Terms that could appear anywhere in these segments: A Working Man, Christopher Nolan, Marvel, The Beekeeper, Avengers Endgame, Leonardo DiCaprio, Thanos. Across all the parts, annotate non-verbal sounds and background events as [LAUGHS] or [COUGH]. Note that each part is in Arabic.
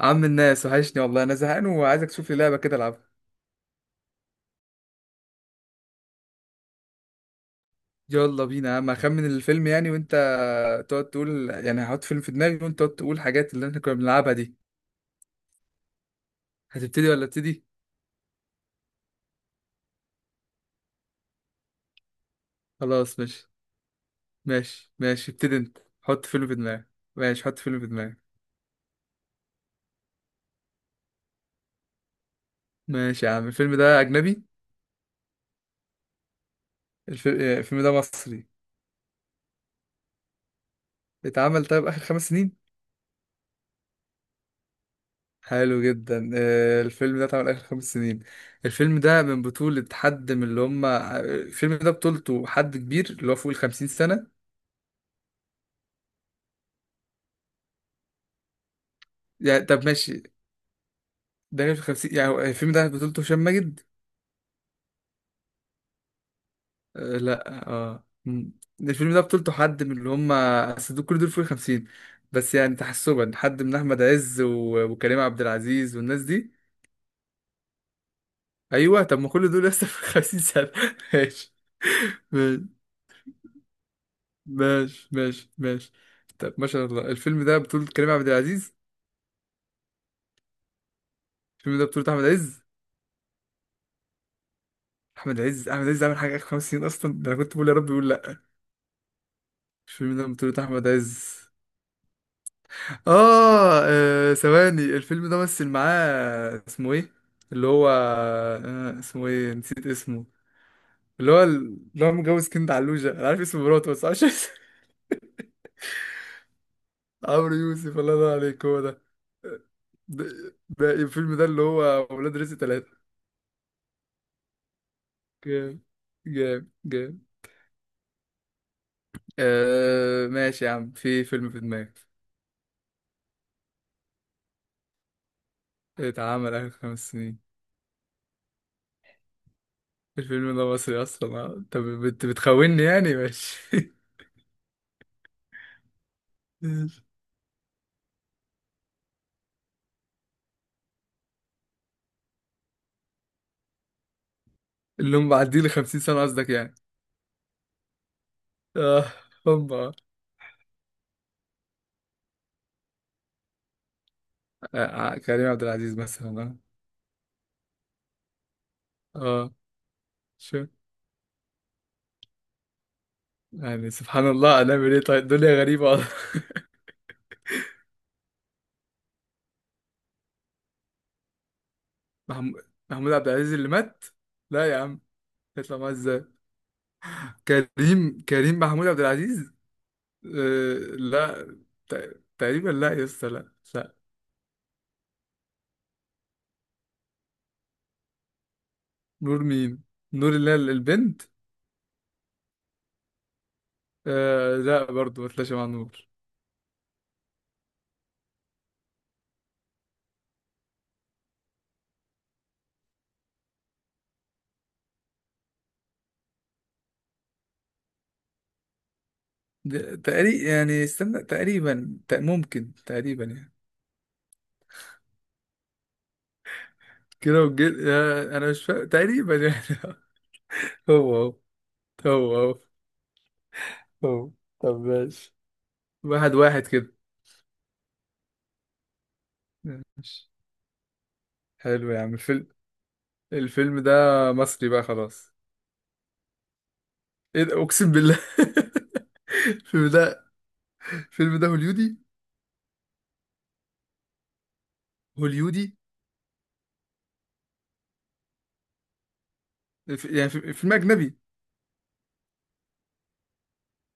عم الناس وحشني والله. انا زهقان وعايزك تشوف لي لعبه كده العبها. يلا بينا يا عم، اخمن الفيلم يعني، وانت تقعد تقول. يعني هحط فيلم في دماغي وانت تقعد تقول حاجات اللي احنا كنا بنلعبها دي. هتبتدي ولا ابتدي؟ خلاص ماشي. ماشي ابتدي انت، حط فيلم في دماغك. ماشي، حط فيلم في دماغك. ماشي يا عم، الفيلم ده اجنبي؟ الفيلم ده مصري؟ اتعمل طيب اخر خمس سنين؟ حلو جدا. الفيلم ده اتعمل اخر خمس سنين. الفيلم ده من بطولة حد من اللي هم آه، الفيلم ده بطولته حد كبير اللي هو فوق الخمسين سنة. يعني طب ماشي، دانيال في الخمسين يعني. هو الفيلم ده بطولته هشام ماجد؟ آه لا. الفيلم ده بطولته حد من اللي هم كل دول فوق الخمسين. بس يعني تحسبا حد من أحمد عز وكريم عبد العزيز والناس دي. أيوه، طب ما كل دول لسه في الخمسين سنة [LAUGHS] ماشي ماشي ماشي ماشي. طب ما شاء الله، الفيلم ده بطولة كريم عبد العزيز؟ الفيلم ده بطولة أحمد عز؟ أحمد عز عمل حاجة آخر خمس سنين أصلا؟ ده أنا كنت بقول يا رب يقول لأ. الفيلم ده بطولة أحمد عز. ثواني، الفيلم ده مثل معاه اسمه إيه؟ اللي هو آه، اسمه إيه؟ نسيت اسمه. اللي هو متجوز كند علوشة، أنا عارف اسم مراته بس عشان [LAUGHS] عمرو يوسف، الله ينور عليك، هو ده. ده ده الفيلم ده اللي هو ولاد رزق تلاتة. جامد جامد جامد. آه ماشي يا عم، في فيلم في دماغي. اتعمل آخر خمس سنين. الفيلم ده مصري أصلا آه. طب بت بتخوني يعني؟ ماشي [LAUGHS] ماشي. اللي هم معديه لي 50 سنة قصدك يعني؟ اه. هم آه. آه، كريم عبد العزيز مثلا. اه شو؟ يعني سبحان الله، هنعمل ايه طيب؟ الدنيا غريبة والله [LAUGHS] محمود عبد العزيز اللي مات؟ لا يا عم. يطلع معاه ازاي؟ كريم محمود عبد العزيز. آه لا. تقريبا لا يا اسطى، لا. نور مين؟ نور اللي هي البنت. آه لا برضه، ما طلعش مع نور. تقريبا يعني، استنى، ممكن تقريبا يعني. كده والجن؟ آه، انا مش فاهم تقريبا يعني [LAUGHS] هو هو هو هو هو. طب ماشي. واحد واحد كده. ماشي، حلو يا عم الفيلم. الفيلم ده مصري بقى؟ خلاص، ايه ده، اقسم بالله [LAUGHS] الفيلم ده، الفيلم ده هوليودي. هوليودي. يعني فيلم اجنبي.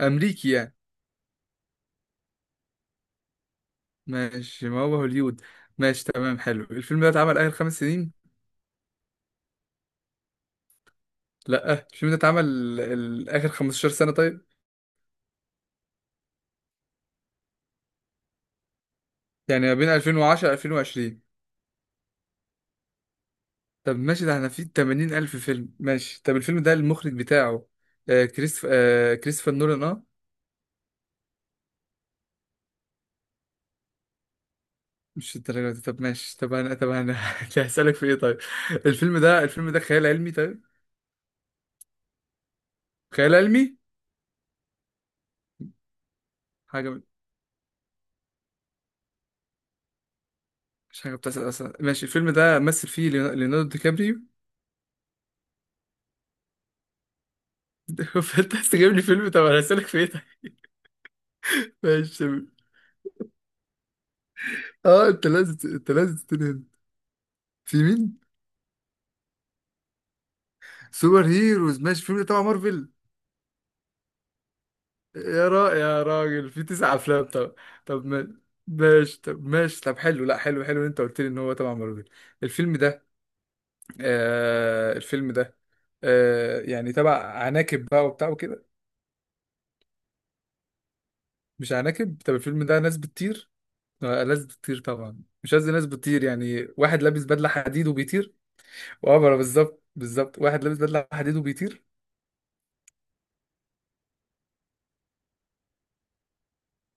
امريكي يعني. ماشي، ما هو هوليود. ماشي تمام. حلو، الفيلم ده اتعمل اخر خمس سنين؟ لا، الفيلم ده اتعمل اخر 15 سنة طيب؟ يعني ما بين 2010 2020. طب ماشي، ده احنا في 80 ألف فيلم. ماشي. طب الفيلم ده المخرج بتاعه آه كريستف آه كريستوفر نولان، اه؟ مش الدرجة دي؟ طب ماشي. طب انا [LAUGHS] هسألك في ايه طيب. الفيلم ده خيال علمي طيب؟ خيال علمي. حاجة مش حاجة بتحصل أصلا؟ ماشي، الفيلم ده مثل فيه ليوناردو دي كابريو. [LAUGHS] فانت عايز تجيب لي فيلم، طب انا هسألك في ايه طيب؟ ماشي تمام. اه انت لازم تنهد. في مين؟ سوبر هيروز. ماشي، الفيلم ده تبع مارفل؟ يا را يا راجل، في تسع افلام طب. طب ما- ماشي، طب ماشي، طب حلو، لا حلو حلو إن انت قلت لي ان هو تبع مارفل. الفيلم ده، الفيلم ده، آه يعني تبع عناكب بقى وبتاع وكده؟ مش عناكب؟ طب الفيلم ده ناس بتطير؟ آه، ناس بتطير طبعا، مش قصدي ناس بتطير، يعني واحد لابس بدلة حديد وبيطير. وعبرة، بالظبط بالظبط، واحد لابس بدلة حديد وبيطير.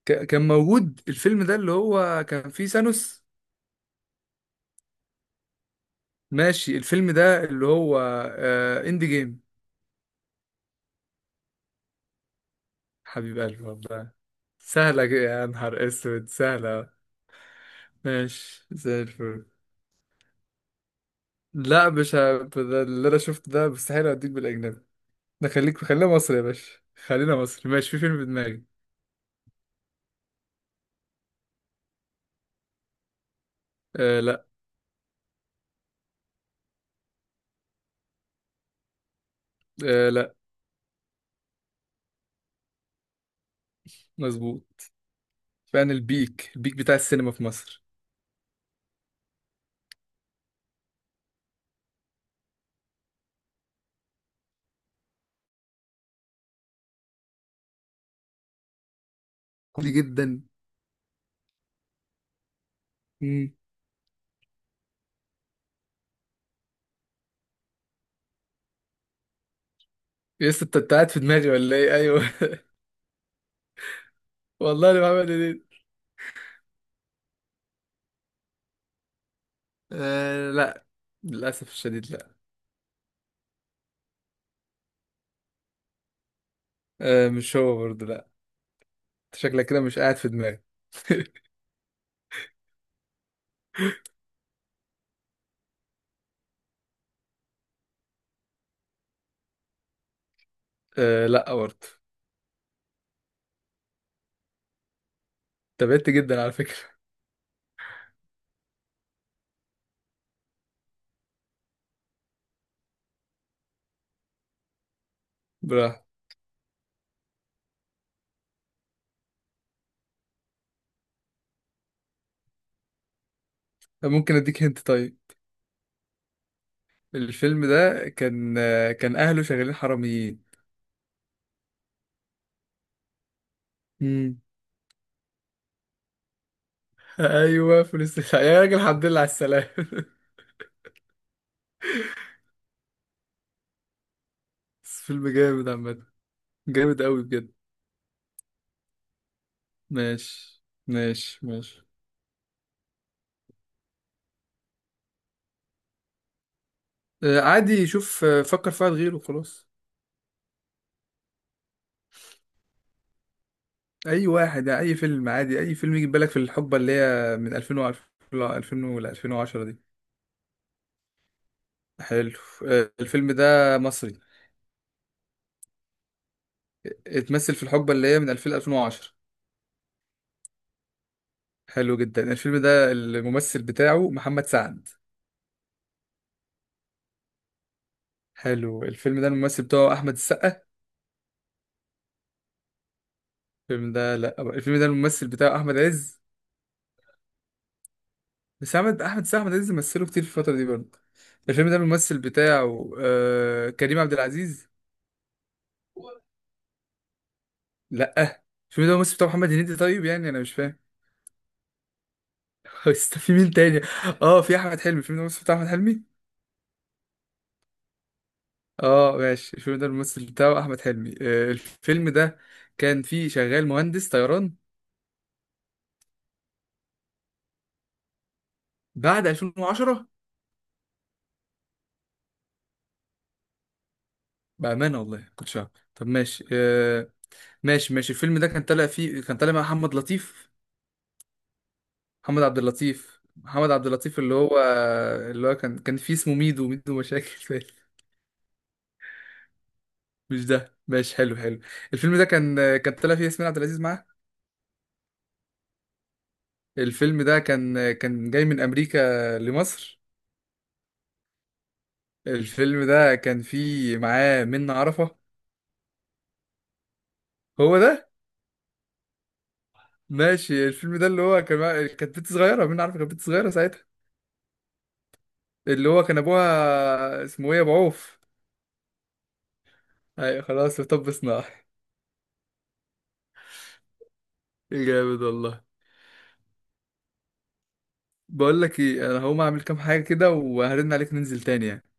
كان موجود. الفيلم ده اللي هو كان فيه ثانوس؟ ماشي، الفيلم ده اللي هو آه اند جيم. حبيب قلبي والله. يا نهار اسود سهلة. ماشي زي الفل. لا مش ده اللي انا شفته ده، مستحيل اديك بالاجنبي. ده خليك، خلينا مصري يا باشا. خلينا مصري، ماشي، في فيلم في دماغي. آه لا. آه لا. مظبوط. فعلا، البيك البيك بتاع السينما في مصر. كوميدي جدا. امم يس، انت انت قاعد في دماغي ولا ايه؟ ايوه [LAUGHS] والله انا بعمل ايه. آه لا، للاسف الشديد لا. آه مش هو برضه لا. أنت شكلك كده مش قاعد في دماغي [LAUGHS] آه لا برضه. تابعت جدا على فكرة. براحة. ممكن اديك هنت طيب. الفيلم ده كان اهله شغالين حراميين. امم ايوه، يا راجل الحمد لله على السلامة [LAUGHS] بس فيلم جامد عامة. جامد قوي بجد. ماشي. آه، عادي، شوف، آه، فكر في واحد غيره خلاص. اي واحد، اي فيلم عادي، اي فيلم يجي في بالك في الحقبة اللي هي من 2000 ل 2010 دي. حلو. آه، الفيلم ده مصري، اتمثل في الحقبة اللي هي من 2000 ل 2010. حلو جدا، الفيلم ده الممثل بتاعه محمد سعد؟ حلو، الفيلم ده الممثل بتاعه احمد السقا؟ الفيلم ده، لا الفيلم ده الممثل بتاعه احمد عز؟ بس احمد السقا، احمد عز مثله كتير في الفتره دي برضه. الفيلم ده الممثل بتاعه كريم عبد العزيز؟ لا. الفيلم ده الممثل بتاعه محمد هنيدي؟ طيب يعني انا مش فاهم. [LAUGHS] في مين تاني؟ اه في احمد حلمي. الفيلم ده الممثل بتاعه احمد حلمي. اه ماشي، الفيلم ده الممثل بتاعه احمد حلمي. الفيلم ده كان فيه شغال مهندس طيران. بعد 2010؟ بأمانة والله كنتش عارف. طب ماشي آه. ماشي، الفيلم ده كان طالع فيه، كان طالع مع محمد لطيف. محمد عبد اللطيف، محمد عبد اللطيف اللي هو اللي هو كان فيه اسمه ميدو، ميدو مشاكل [LAUGHS] فيه. مش ده ماشي، حلو حلو. الفيلم ده كان طالع فيه ياسمين عبد العزيز معاه. الفيلم ده كان جاي من أمريكا لمصر. الفيلم ده كان فيه معاه منة عرفة. هو ده. ماشي، الفيلم ده اللي هو كان كانت بنت صغيرة، منة عرفة كانت بنت صغيرة ساعتها. اللي هو كان أبوها اسمه إيه، أبو عوف. ايوه خلاص طب صناعي. جامد والله. بقول لك ايه، انا هقوم اعمل كام حاجه كده وهرن عليك ننزل تاني يعني.